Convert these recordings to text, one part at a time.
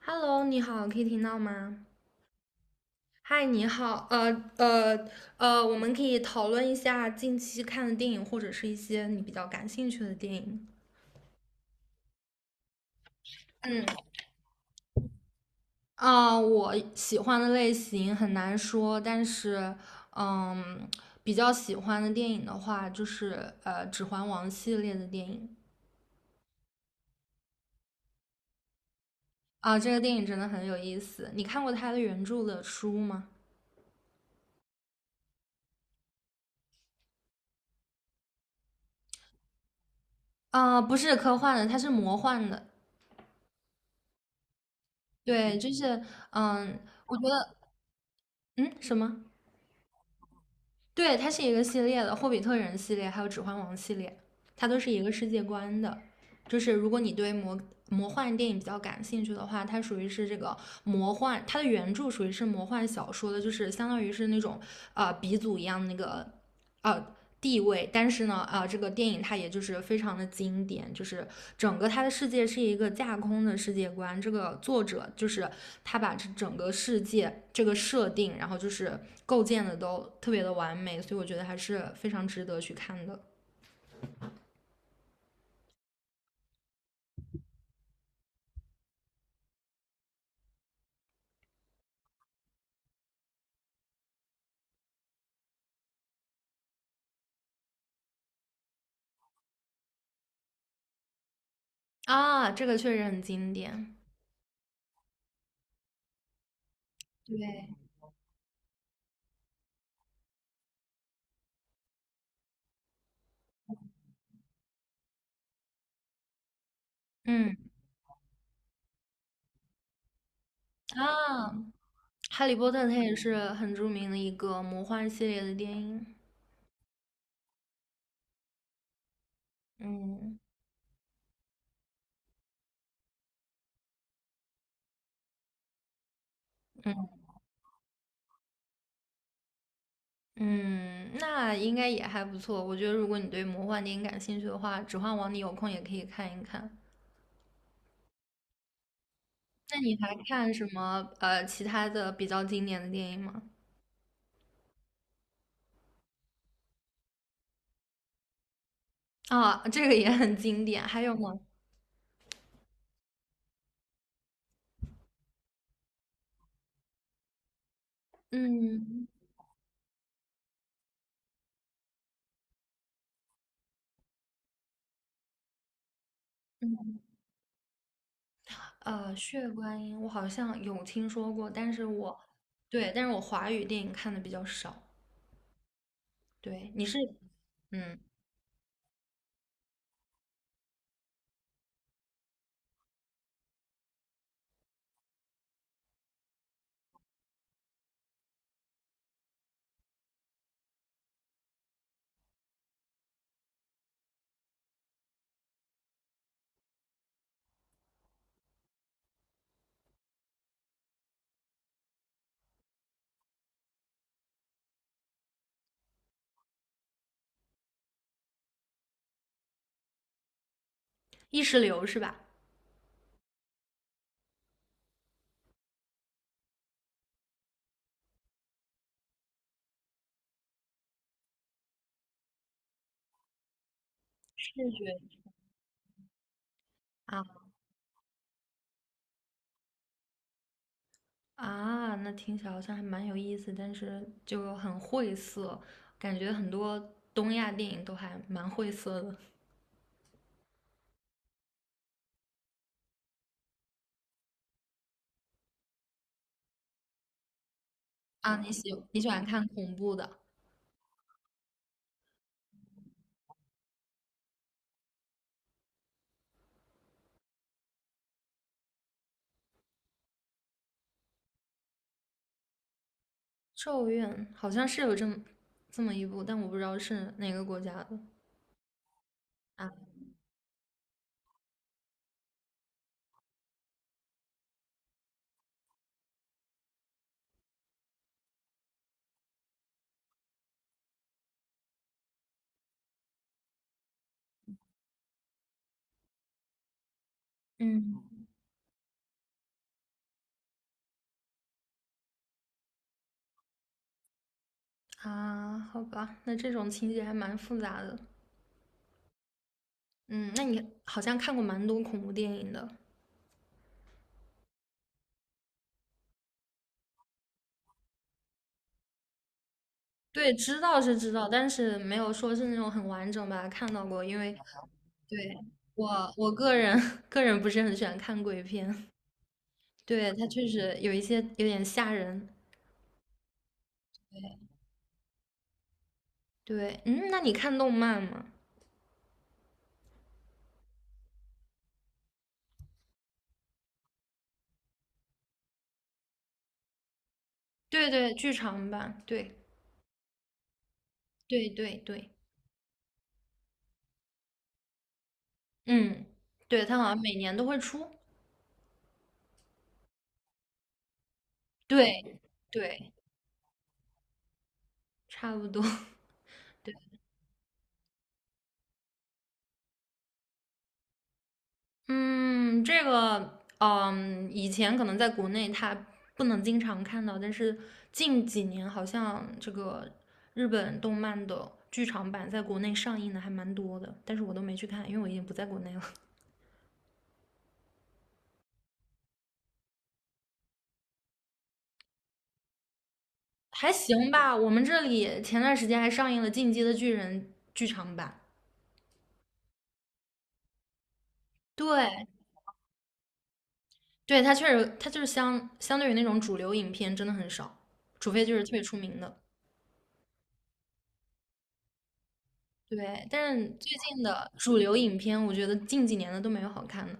Hello，你好，可以听到吗？嗨，你好，呃我们可以讨论一下近期看的电影，或者是一些你比较感兴趣的电影。嗯，啊、我喜欢的类型很难说，但是，嗯，比较喜欢的电影的话，就是《指环王》系列的电影。啊、这个电影真的很有意思。你看过它的原著的书吗？啊、不是科幻的，它是魔幻的。对，就是，嗯，我觉得，嗯，什么？对，它是一个系列的，《霍比特人》系列还有《指环王》系列，它都是一个世界观的。就是如果你对魔幻电影比较感兴趣的话，它属于是这个魔幻，它的原著属于是魔幻小说的，就是相当于是那种鼻祖一样那个呃地位，但是呢啊，这个电影它也就是非常的经典，就是整个它的世界是一个架空的世界观。这个作者就是他把这整个世界这个设定，然后就是构建的都特别的完美，所以我觉得还是非常值得去看的啊。这个确实很经典，对，嗯啊，《哈利波特》它也是很著名的一个魔幻系列的电影，嗯嗯。嗯，那应该也还不错。我觉得如果你对魔幻电影感兴趣的话，《指环王》你有空也可以看一看。那你还看什么其他的比较经典的电影吗？啊，这个也很经典。还有吗？嗯，《血观音》我好像有听说过，但是我对，但是我华语电影看的比较少。对，嗯。意识流是吧？视觉。啊。啊，那听起来好像还蛮有意思，但是就很晦涩，感觉很多东亚电影都还蛮晦涩的。啊，你喜欢看恐怖的？《咒怨》好像是有这么一部，但我不知道是哪个国家的。啊，嗯，啊，好吧，那这种情节还蛮复杂的。嗯，那你好像看过蛮多恐怖电影的。对，知道是知道，但是没有说是那种很完整吧，看到过，因为对，我个人 个人不是很喜欢看鬼片，对，他确实有一些有点吓人。对，那你看动漫吗？对对，剧场版，对对对对，嗯，对，他好像每年都会出，对对，差不多，对。嗯，这个，以前可能在国内它不能经常看到，但是近几年好像这个日本动漫的剧场版在国内上映的还蛮多的，但是我都没去看，因为我已经不在国内了。还行吧，我们这里前段时间还上映了《进击的巨人》剧场版。对，对，它确实，它就是相对于那种主流影片真的很少，除非就是特别出名的。对，但是最近的主流影片，我觉得近几年的都没有好看的。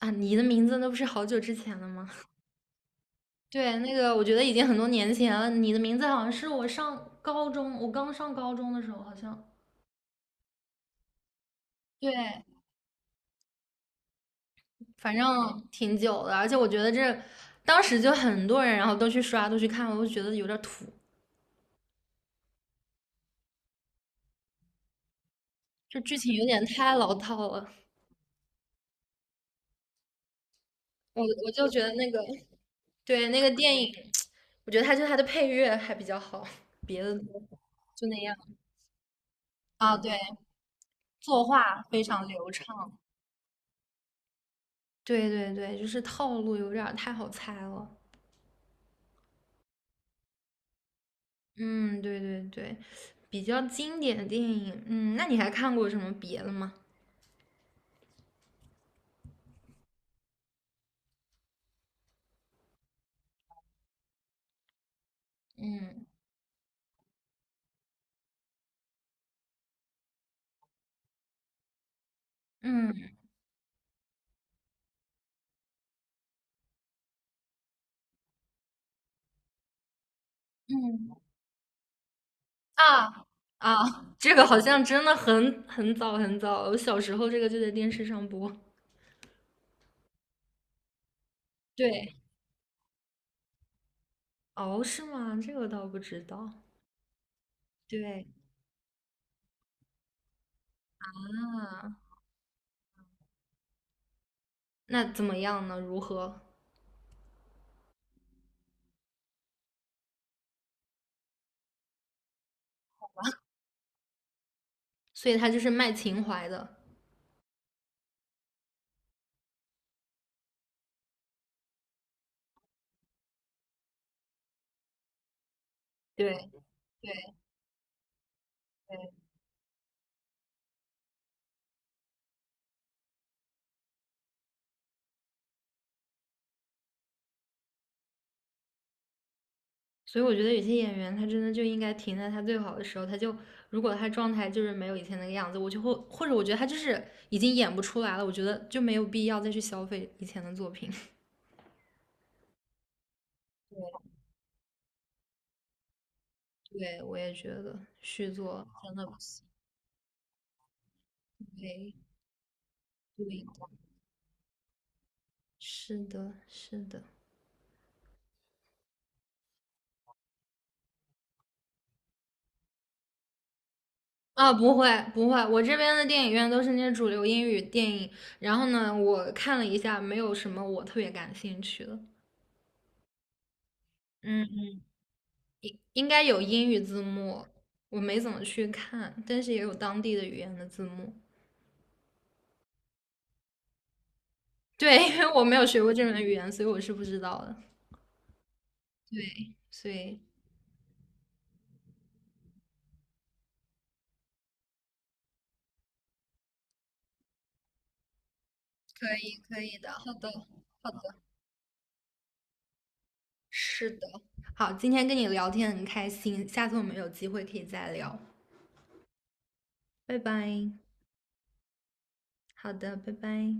啊，你的名字那不是好久之前了吗？对，那个我觉得已经很多年前了。你的名字好像是我上高中，我刚上高中的时候，好像对，反正挺久的。而且我觉得这当时就很多人，然后都去刷，都去看，我就觉得有点土，就剧情有点太老套了。我就觉得那个对那个电影，我觉得它就它的配乐还比较好，别的都就那样啊。对，作画非常流畅。对对对，就是套路有点儿太好猜了。嗯，对对对，比较经典的电影，那你还看过什么别的吗？嗯嗯嗯啊啊，这个好像真的很早很早，我小时候这个就在电视上播。对，哦，是吗？这个我倒不知道。对，那那怎么样呢？如何？所以它就是卖情怀的。对对对，所以我觉得有些演员他真的就应该停在他最好的时候，他就如果他状态就是没有以前那个样子，我就会或者我觉得他就是已经演不出来了，我觉得就没有必要再去消费以前的作品。对，我也觉得续作真的不行。对，对，是的，是的。啊，不会不会，我这边的电影院都是那些主流英语电影，然后呢，我看了一下，没有什么我特别感兴趣的。嗯。应该有英语字幕，我没怎么去看，但是也有当地的语言的字幕。对，因为我没有学过这门语言，所以我是不知道的。对，所以可以可以的，好的，是的。好，今天跟你聊天很开心，下次我们有机会可以再聊，拜拜。好的，拜拜。